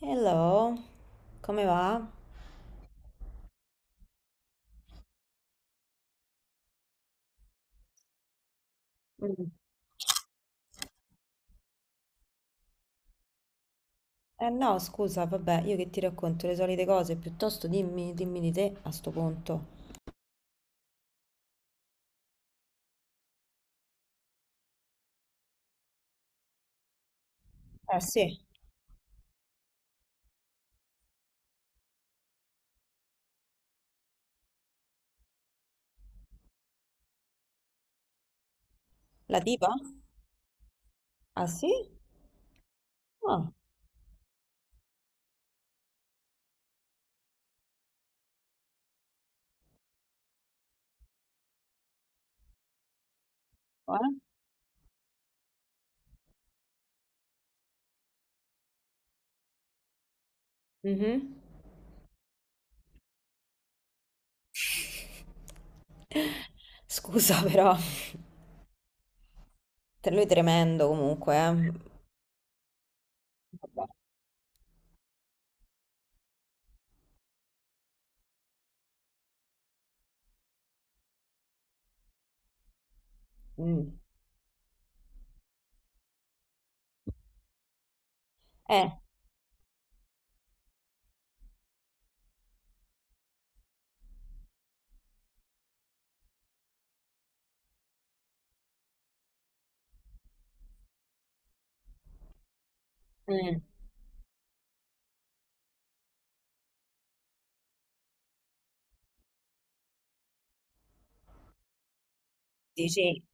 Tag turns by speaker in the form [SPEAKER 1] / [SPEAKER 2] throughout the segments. [SPEAKER 1] Hello, come va? Mm. Eh no, scusa, vabbè, io che ti racconto le solite cose, piuttosto dimmi, dimmi di te a sto punto. Eh sì, la tipa? Ah sì? Ah, eh? Mhm. Scusa però, lui è tremendo comunque, eh. Vabbè. Mm. Eh, mm, dici,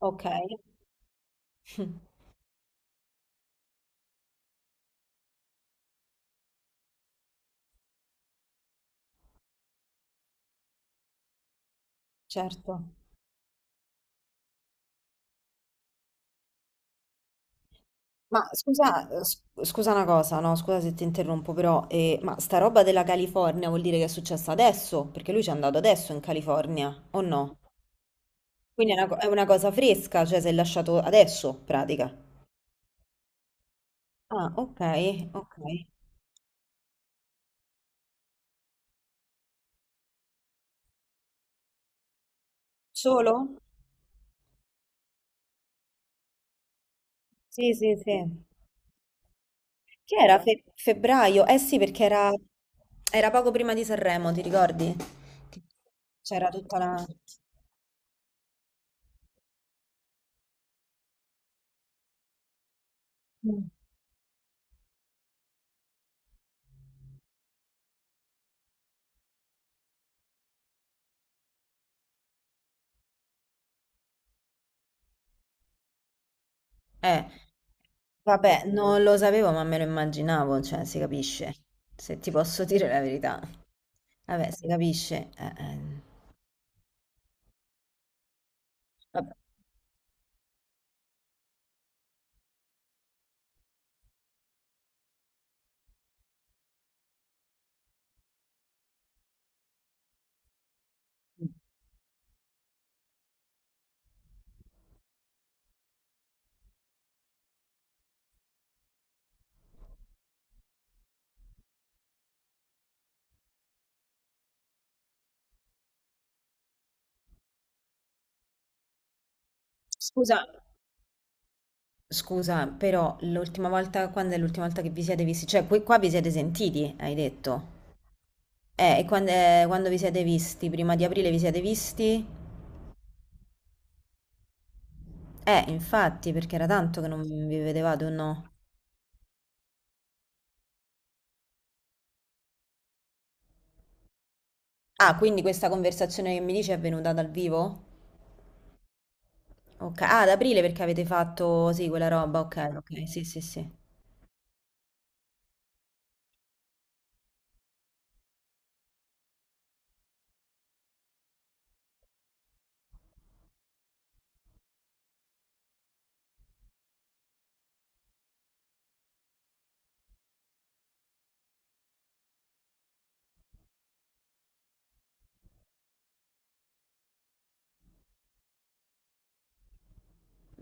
[SPEAKER 1] ok, certo. Ma scusa, scusa una cosa, no, scusa se ti interrompo, però, ma sta roba della California vuol dire che è successa adesso? Perché lui ci è andato adesso in California, o no? Quindi è una, è una cosa fresca, cioè si è lasciato adesso, pratica. Ah, ok, ok. Solo? Sì, sì, sì. Che era febbraio? Era poco prima di Sanremo, ti ricordi? Che C'era tutta la... Mm. Eh, vabbè, non lo sapevo, ma me lo immaginavo, cioè si capisce. Se ti posso dire la verità. Vabbè, si capisce, eh. Vabbè. Scusa, scusa, però l'ultima volta, quando è l'ultima volta che vi siete visti? Cioè, qua vi siete sentiti, hai detto. E quando, quando vi siete visti? Prima di aprile vi siete visti? Infatti, perché era tanto che non vi vedevate o no? Ah, quindi questa conversazione che mi dici è venuta dal vivo? Ok, ah, ad aprile perché avete fatto, sì, quella roba, ok, ok, sì, sì, sì.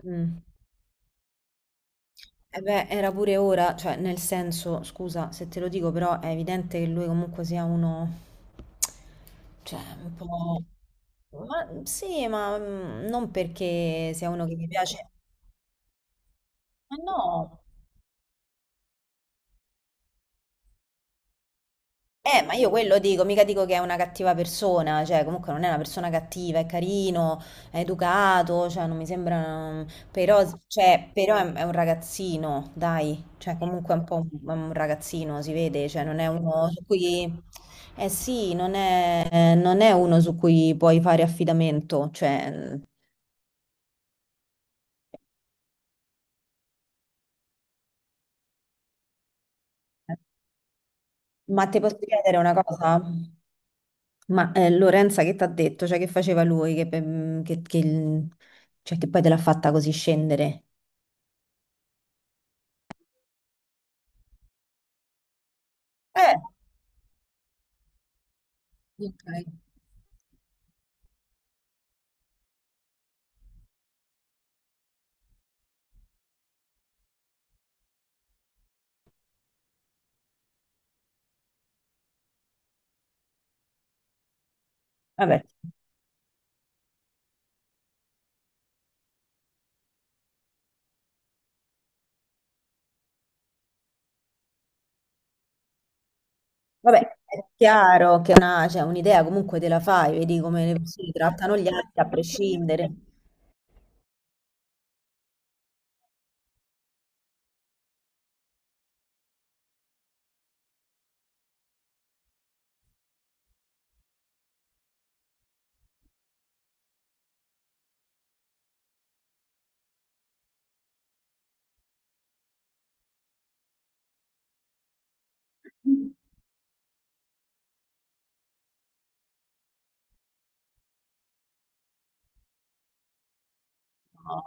[SPEAKER 1] Mm. E beh, era pure ora, cioè, nel senso, scusa se te lo dico, però è evidente che lui comunque sia uno, cioè, un po'... Ma sì, ma non perché sia uno che mi piace, ma no. Ma io quello dico, mica dico che è una cattiva persona, cioè comunque non è una persona cattiva, è carino, è educato, cioè non mi sembra... Però, cioè, però è un ragazzino, dai, cioè comunque è un po' è un ragazzino, si vede, cioè non è uno su cui... Eh sì, non è uno su cui puoi fare affidamento, cioè... Ma ti posso chiedere una cosa? Ma Lorenza che ti ha detto, cioè che faceva lui, che, mm, che il- cioè, che poi te l'ha fatta così scendere? Eh, ok, vabbè, vabbè, è chiaro cioè, un'idea comunque te la fai, vedi come le persone trattano gli altri a prescindere. No.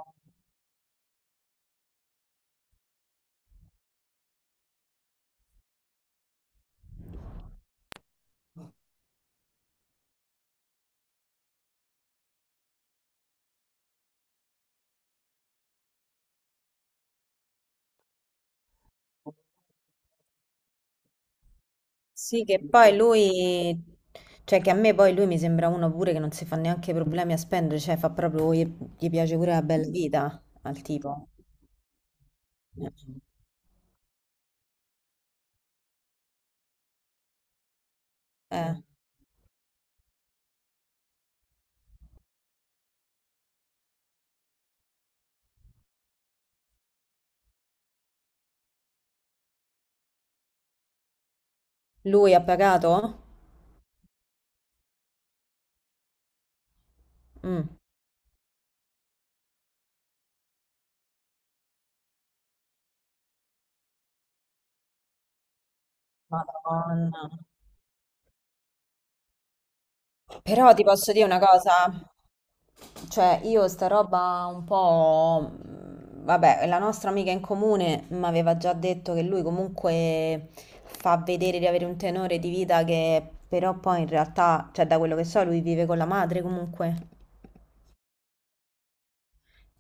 [SPEAKER 1] Sì, che poi lui, cioè che a me poi lui mi sembra uno pure che non si fa neanche problemi a spendere, cioè fa proprio, gli piace pure la bella vita al tipo. Eh, lui ha pagato? Mm. Madonna. Però ti posso dire una cosa. Cioè, io sta roba un po'... Vabbè, la nostra amica in comune mi aveva già detto che lui comunque fa vedere di avere un tenore di vita che però poi in realtà, cioè da quello che so, lui vive con la madre comunque.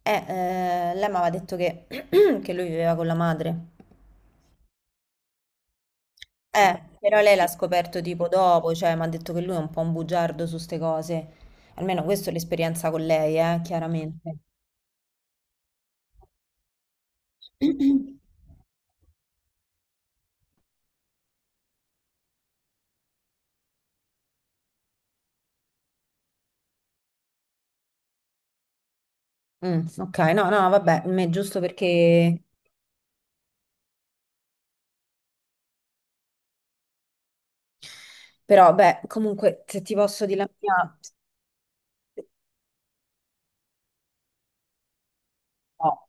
[SPEAKER 1] Lei mi aveva detto che, che lui viveva con la madre. Però lei l'ha scoperto tipo dopo, cioè mi ha detto che lui è un po' un bugiardo su ste cose. Almeno questa è l'esperienza con lei, chiaramente. Ok, no, no, vabbè, è giusto perché... Però, beh, comunque, se ti posso dire la mia... No.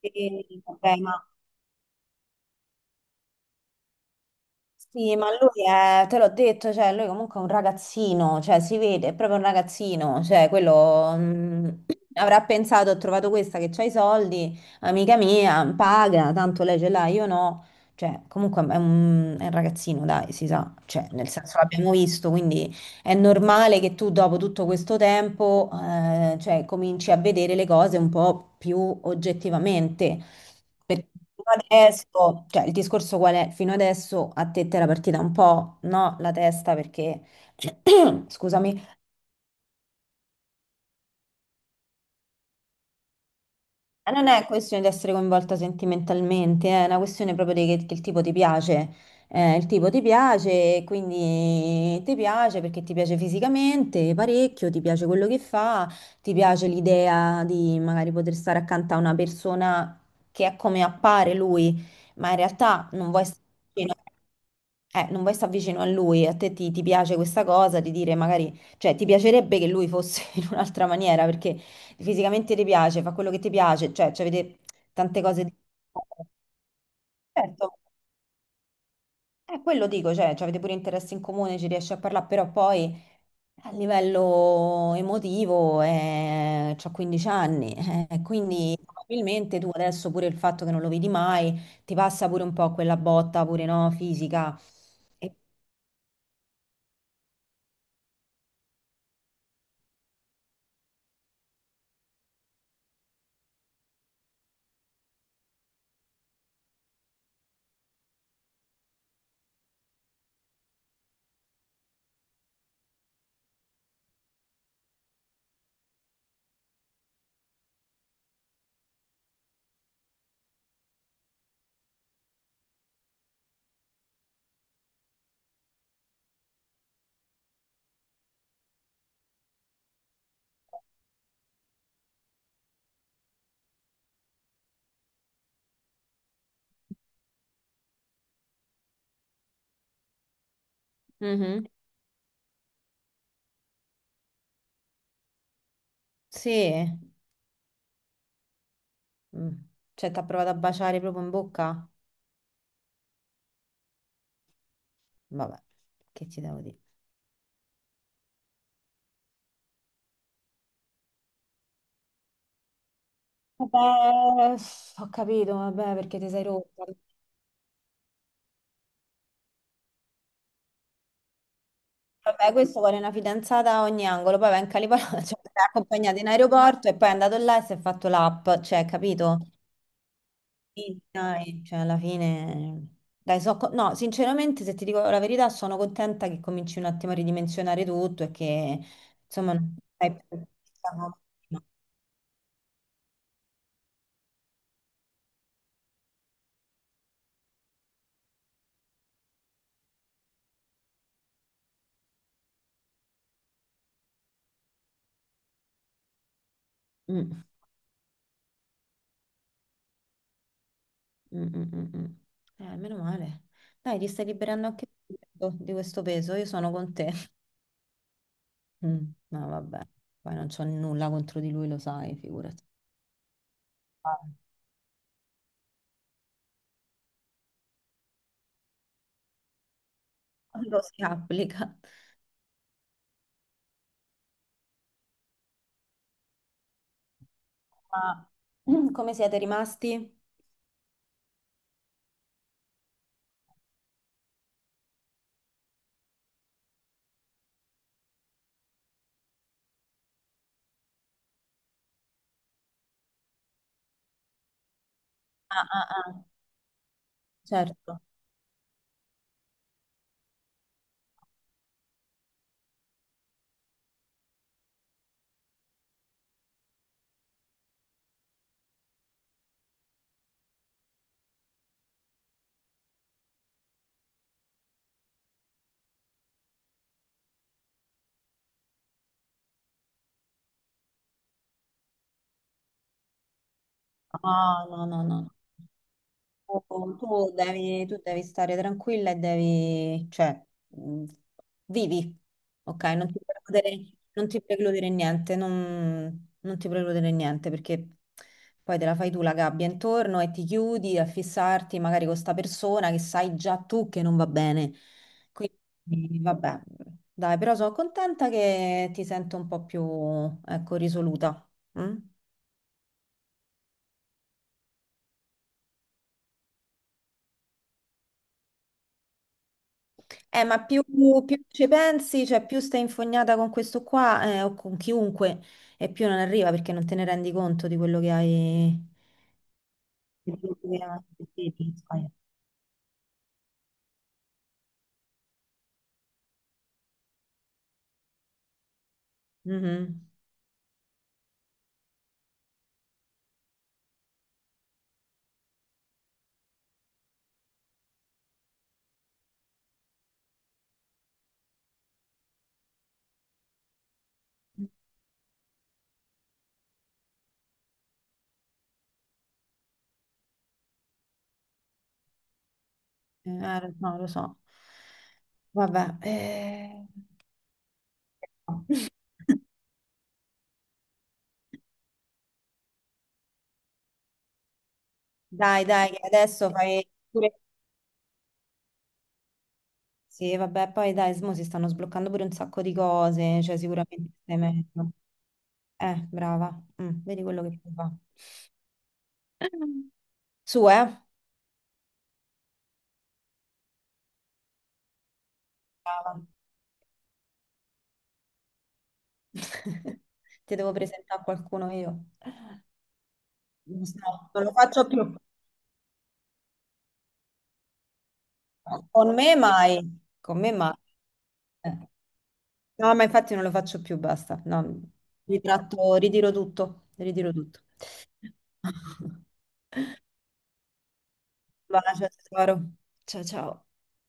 [SPEAKER 1] Vabbè, ma sì, ma lui è, te l'ho detto, cioè, lui comunque è un ragazzino, cioè, si vede, è proprio un ragazzino, cioè, avrà pensato, ho trovato questa che c'ha i soldi, amica mia, paga, tanto lei ce l'ha, io no, cioè, comunque è un ragazzino, dai, si sa, cioè, nel senso l'abbiamo visto, quindi è normale che tu dopo tutto questo tempo, cioè, cominci a vedere le cose un po' più oggettivamente. Perché fino adesso, cioè il discorso qual è? Fino adesso a te ti era partita un po', no, la testa perché, scusami. Non è questione di essere coinvolta sentimentalmente, è una questione proprio di che il tipo ti piace. Il tipo ti piace, quindi ti piace perché ti piace fisicamente parecchio, ti piace quello che fa, ti piace l'idea di magari poter stare accanto a una persona che è come appare lui, ma in realtà non vuoi stare vicino, non vuoi stare vicino a lui, ti piace questa cosa di dire magari, cioè ti piacerebbe che lui fosse in un'altra maniera perché... Fisicamente ti piace, fa quello che ti piace, cioè avete tante cose di... Certo, è quello dico, cioè avete pure interessi in comune, ci riesci a parlare, però poi a livello emotivo c'ho 15 anni, quindi probabilmente tu adesso pure il fatto che non lo vedi mai, ti passa pure un po' quella botta pure, no, fisica. E- Mhm. Sì. Mm. Cioè ti ha provato a baciare proprio in bocca? Vabbè, che ti devo dire? Vabbè, ho capito, vabbè, perché ti sei rotta. Vabbè, questo vuole una fidanzata a ogni angolo, poi va in Calipollo, cioè, l'ha accompagnata in aeroporto e poi è andato là e si è fatto l'app, cioè, capito? Sì, dai, cioè, alla fine... Dai, no, sinceramente, se ti dico la verità, sono contenta che cominci un attimo a ridimensionare tutto e che, insomma, non stai più... pensando prima. Mm, mm, mm, mm, mm. Meno male. Dai, ti stai liberando anche tu di questo peso, io sono con te. Mm, no, vabbè, poi non c'ho nulla contro di lui, lo sai, figurati. Ah, quando si applica. Ah, come siete rimasti? Ah, ah, ah. Certo. Ah, no, no, no. Tu devi stare tranquilla e devi, cioè, mh, vivi, ok? Non ti precludere, non ti precludere niente, non ti precludere niente perché poi te la fai tu la gabbia intorno e ti chiudi a fissarti magari con sta persona che sai già tu che non va bene. E vabbè, dai, però sono contenta che ti sento un po' più, ecco, risoluta. Mm? Ma più, più ci pensi, cioè più stai infognata con questo qua, o con chiunque, e più non arriva perché non te ne rendi conto di quello che hai. Di quello che hai fatto. Mhm. No, lo so. Vabbè, eh. Dai, che adesso fai pure... Sì, vabbè, poi dai, mo si stanno sbloccando pure un sacco di cose, cioè sicuramente stai meglio. Brava. Mm, vedi quello che fa. Su, eh. Ti devo presentare a qualcuno io. No, non lo faccio più. Con me mai, con me mai. Eh. No, ma infatti non lo faccio più, basta. No, ritratto, ritiro tutto, ritiro tutto. Un bacio, tesoro. Ciao ciao.